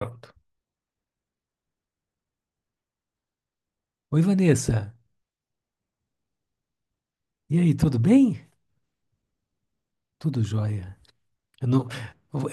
Pronto. Oi, Vanessa. E aí, tudo bem? Tudo jóia. Eu não,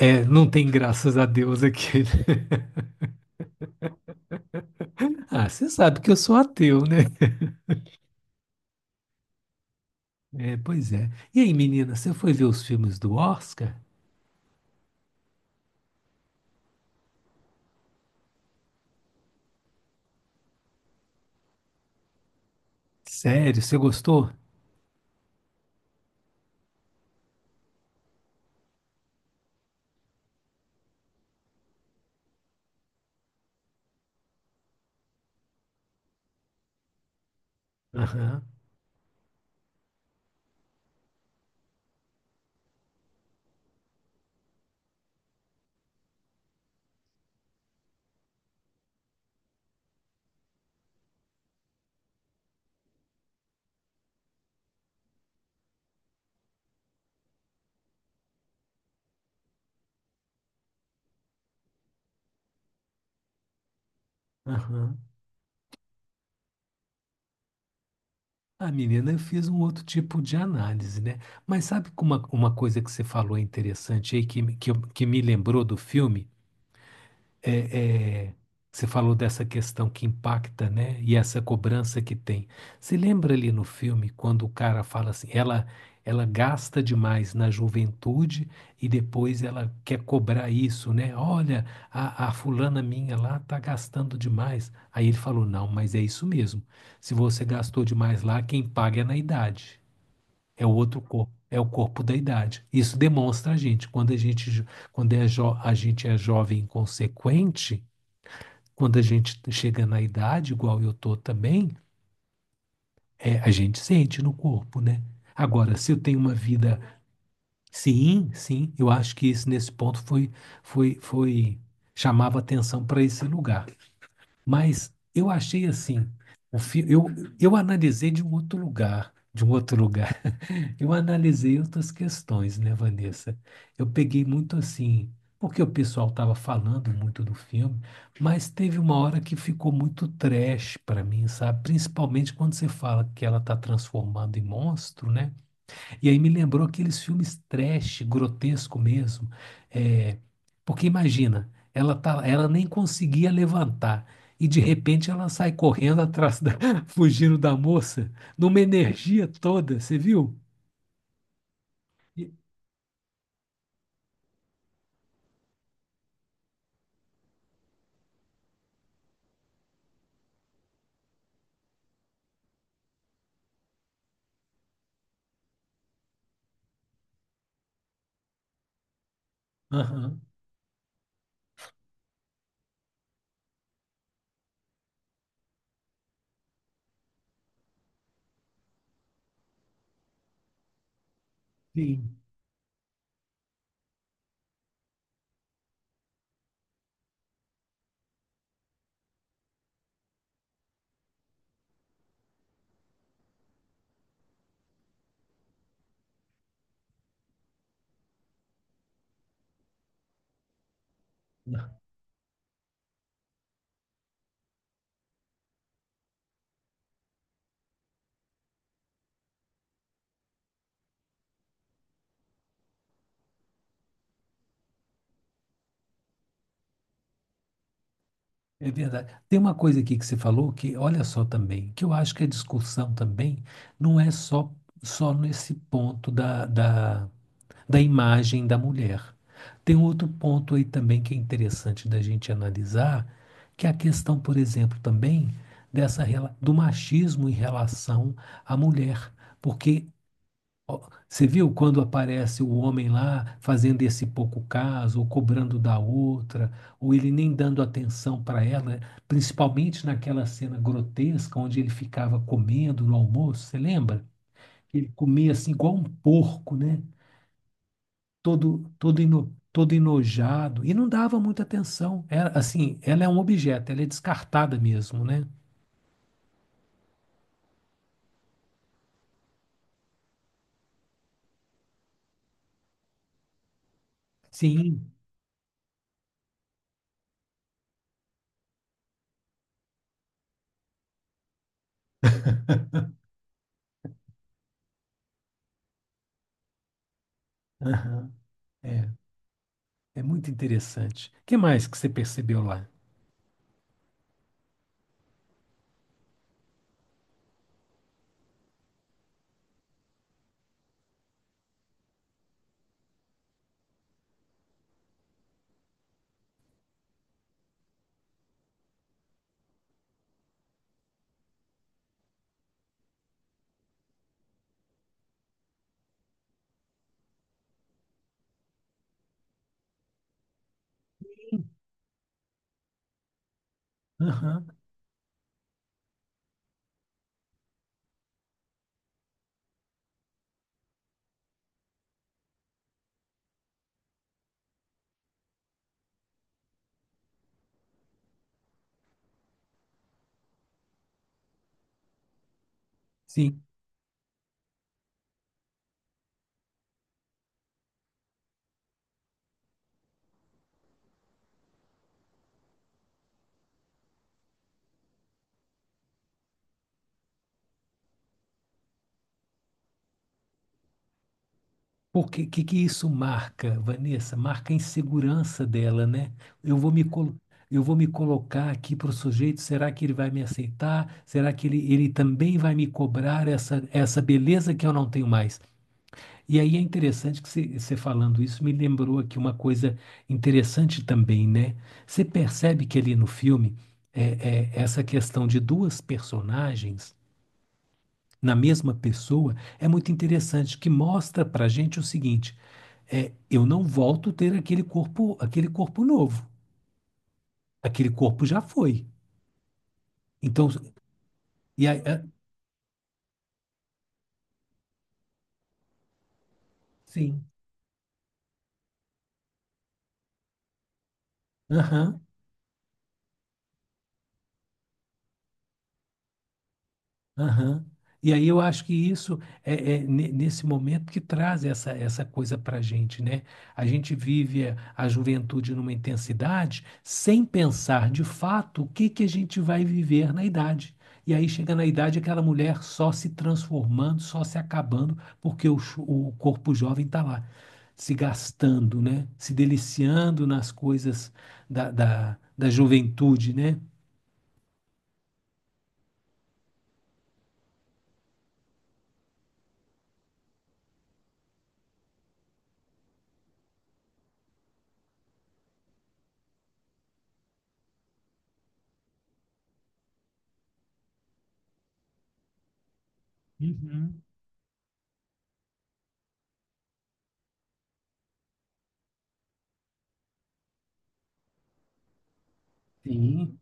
não tem graças a Deus aqui, né? Ah, você sabe que eu sou ateu, né? É, pois é. E aí, menina, você foi ver os filmes do Oscar? Sério, você gostou? Aham, aham. Ah, menina, eu fiz um outro tipo de análise, né? Mas sabe que uma coisa que você falou interessante aí, que me lembrou do filme? é, é, Você falou dessa questão que impacta, né? E essa cobrança que tem. Se lembra ali no filme quando o cara fala assim, ela ela gasta demais na juventude e depois ela quer cobrar isso, né? Olha, a fulana minha lá tá gastando demais. Aí ele falou, não, mas é isso mesmo. Se você gastou demais lá, quem paga é na idade. É o outro corpo, é o corpo da idade. Isso demonstra a gente, quando a gente é jovem inconsequente, quando a gente chega na idade, igual eu tô também, é, a gente sente no corpo, né? Agora, se eu tenho uma vida, sim, eu acho que isso nesse ponto foi, chamava atenção para esse lugar. Mas eu achei assim, o fi- eu, eu analisei de um outro lugar, de um outro lugar. Eu analisei outras questões, né, Vanessa? Eu peguei muito assim, porque o pessoal estava falando muito do filme, mas teve uma hora que ficou muito trash para mim, sabe? Principalmente quando você fala que ela tá transformando em monstro, né? E aí me lembrou aqueles filmes trash, grotesco mesmo. É, porque imagina, ela nem conseguia levantar. E de repente ela sai correndo atrás da, fugindo da moça, numa energia toda, você viu? Aham, sim, é verdade. Tem uma coisa aqui que você falou que, olha só também, que eu acho que a discussão também não é só nesse ponto da imagem da mulher. Tem outro ponto aí também que é interessante da gente analisar, que é a questão, por exemplo, também dessa do machismo em relação à mulher, porque ó, você viu quando aparece o homem lá fazendo esse pouco caso, ou cobrando da outra, ou ele nem dando atenção para ela, né? Principalmente naquela cena grotesca onde ele ficava comendo no almoço, você lembra? Ele comia assim igual um porco, né? Todo enojado e não dava muita atenção. Era, assim, ela é um objeto, ela é descartada mesmo, né? Sim. Aham. É, é muito interessante. O que mais que você percebeu lá? Aham. Sim. Porque que isso marca, Vanessa? Marca a insegurança dela, né? Eu vou me, colo- eu vou me colocar aqui para o sujeito, será que ele vai me aceitar? Será que ele também vai me cobrar essa beleza que eu não tenho mais? E aí é interessante que você falando isso me lembrou aqui uma coisa interessante também, né? Você percebe que ali no filme, é, essa questão de duas personagens na mesma pessoa é muito interessante, que mostra para gente o seguinte: é, eu não volto a ter aquele corpo novo. Aquele corpo já foi. Então, e aí, é, sim. Aham. Aham. E aí eu acho que isso nesse momento que traz essa coisa para a gente, né? A gente vive a juventude numa intensidade sem pensar de fato o que que a gente vai viver na idade. E aí chega na idade aquela mulher só se transformando, só se acabando, porque o corpo jovem está lá, se gastando, né? Se deliciando nas coisas da juventude, né? Uhum. Sim.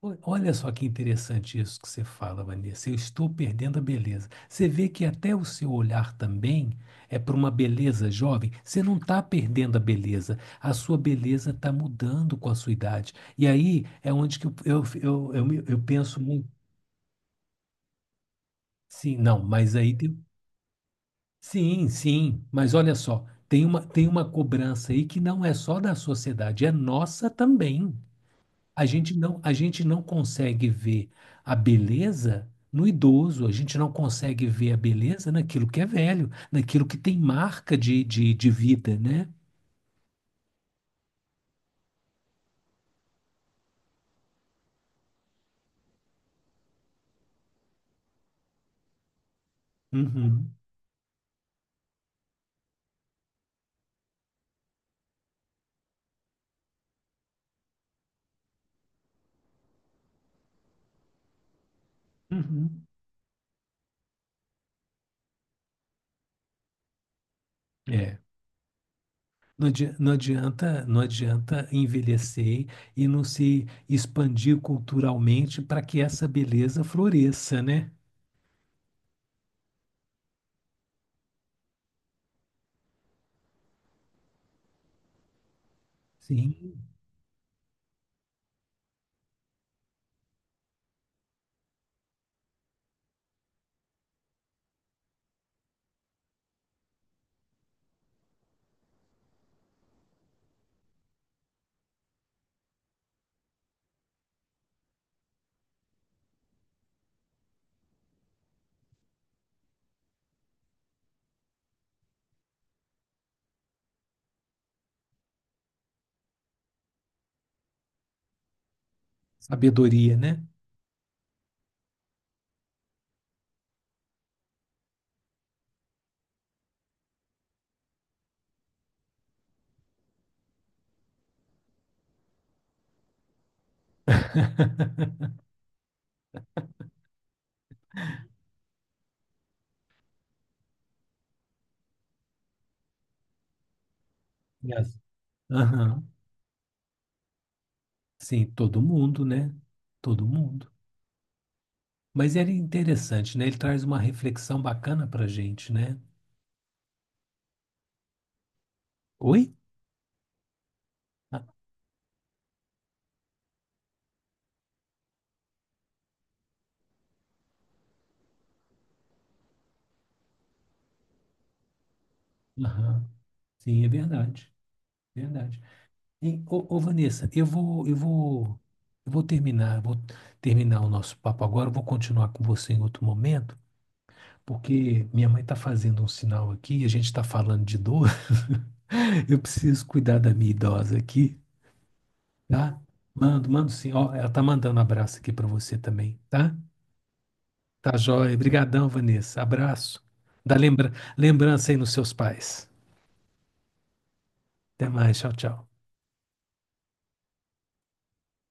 Olha só que interessante isso que você fala, Vanessa. Eu estou perdendo a beleza. Você vê que até o seu olhar também é para uma beleza jovem. Você não está perdendo a beleza. A sua beleza está mudando com a sua idade. E aí é onde que eu penso muito. Sim, não, mas aí tem. Sim, sim. Mas olha só, tem uma cobrança aí que não é só da sociedade, é nossa também. A gente a gente não consegue ver a beleza no idoso, a gente não consegue ver a beleza naquilo que é velho, naquilo que tem marca de vida, né? Uhum, uhum. É. Não adianta envelhecer e não se expandir culturalmente para que essa beleza floresça, né? Sim, sabedoria, né? Yes. Aham. Sim, todo mundo, né? Todo mundo. Mas ele é interessante, né? Ele traz uma reflexão bacana pra gente, né? Oi? Ah, aham. Sim, é verdade. Verdade. E, Vanessa, eu vou terminar o nosso papo agora, eu vou continuar com você em outro momento, porque minha mãe está fazendo um sinal aqui, a gente está falando de dor. Eu preciso cuidar da minha idosa aqui, tá? Mando, mando sim. Ó, ela tá mandando um abraço aqui para você também, tá? Tá joia. Obrigadão, Vanessa. Abraço. Dá lembrança aí nos seus pais. Até mais. Tchau, tchau.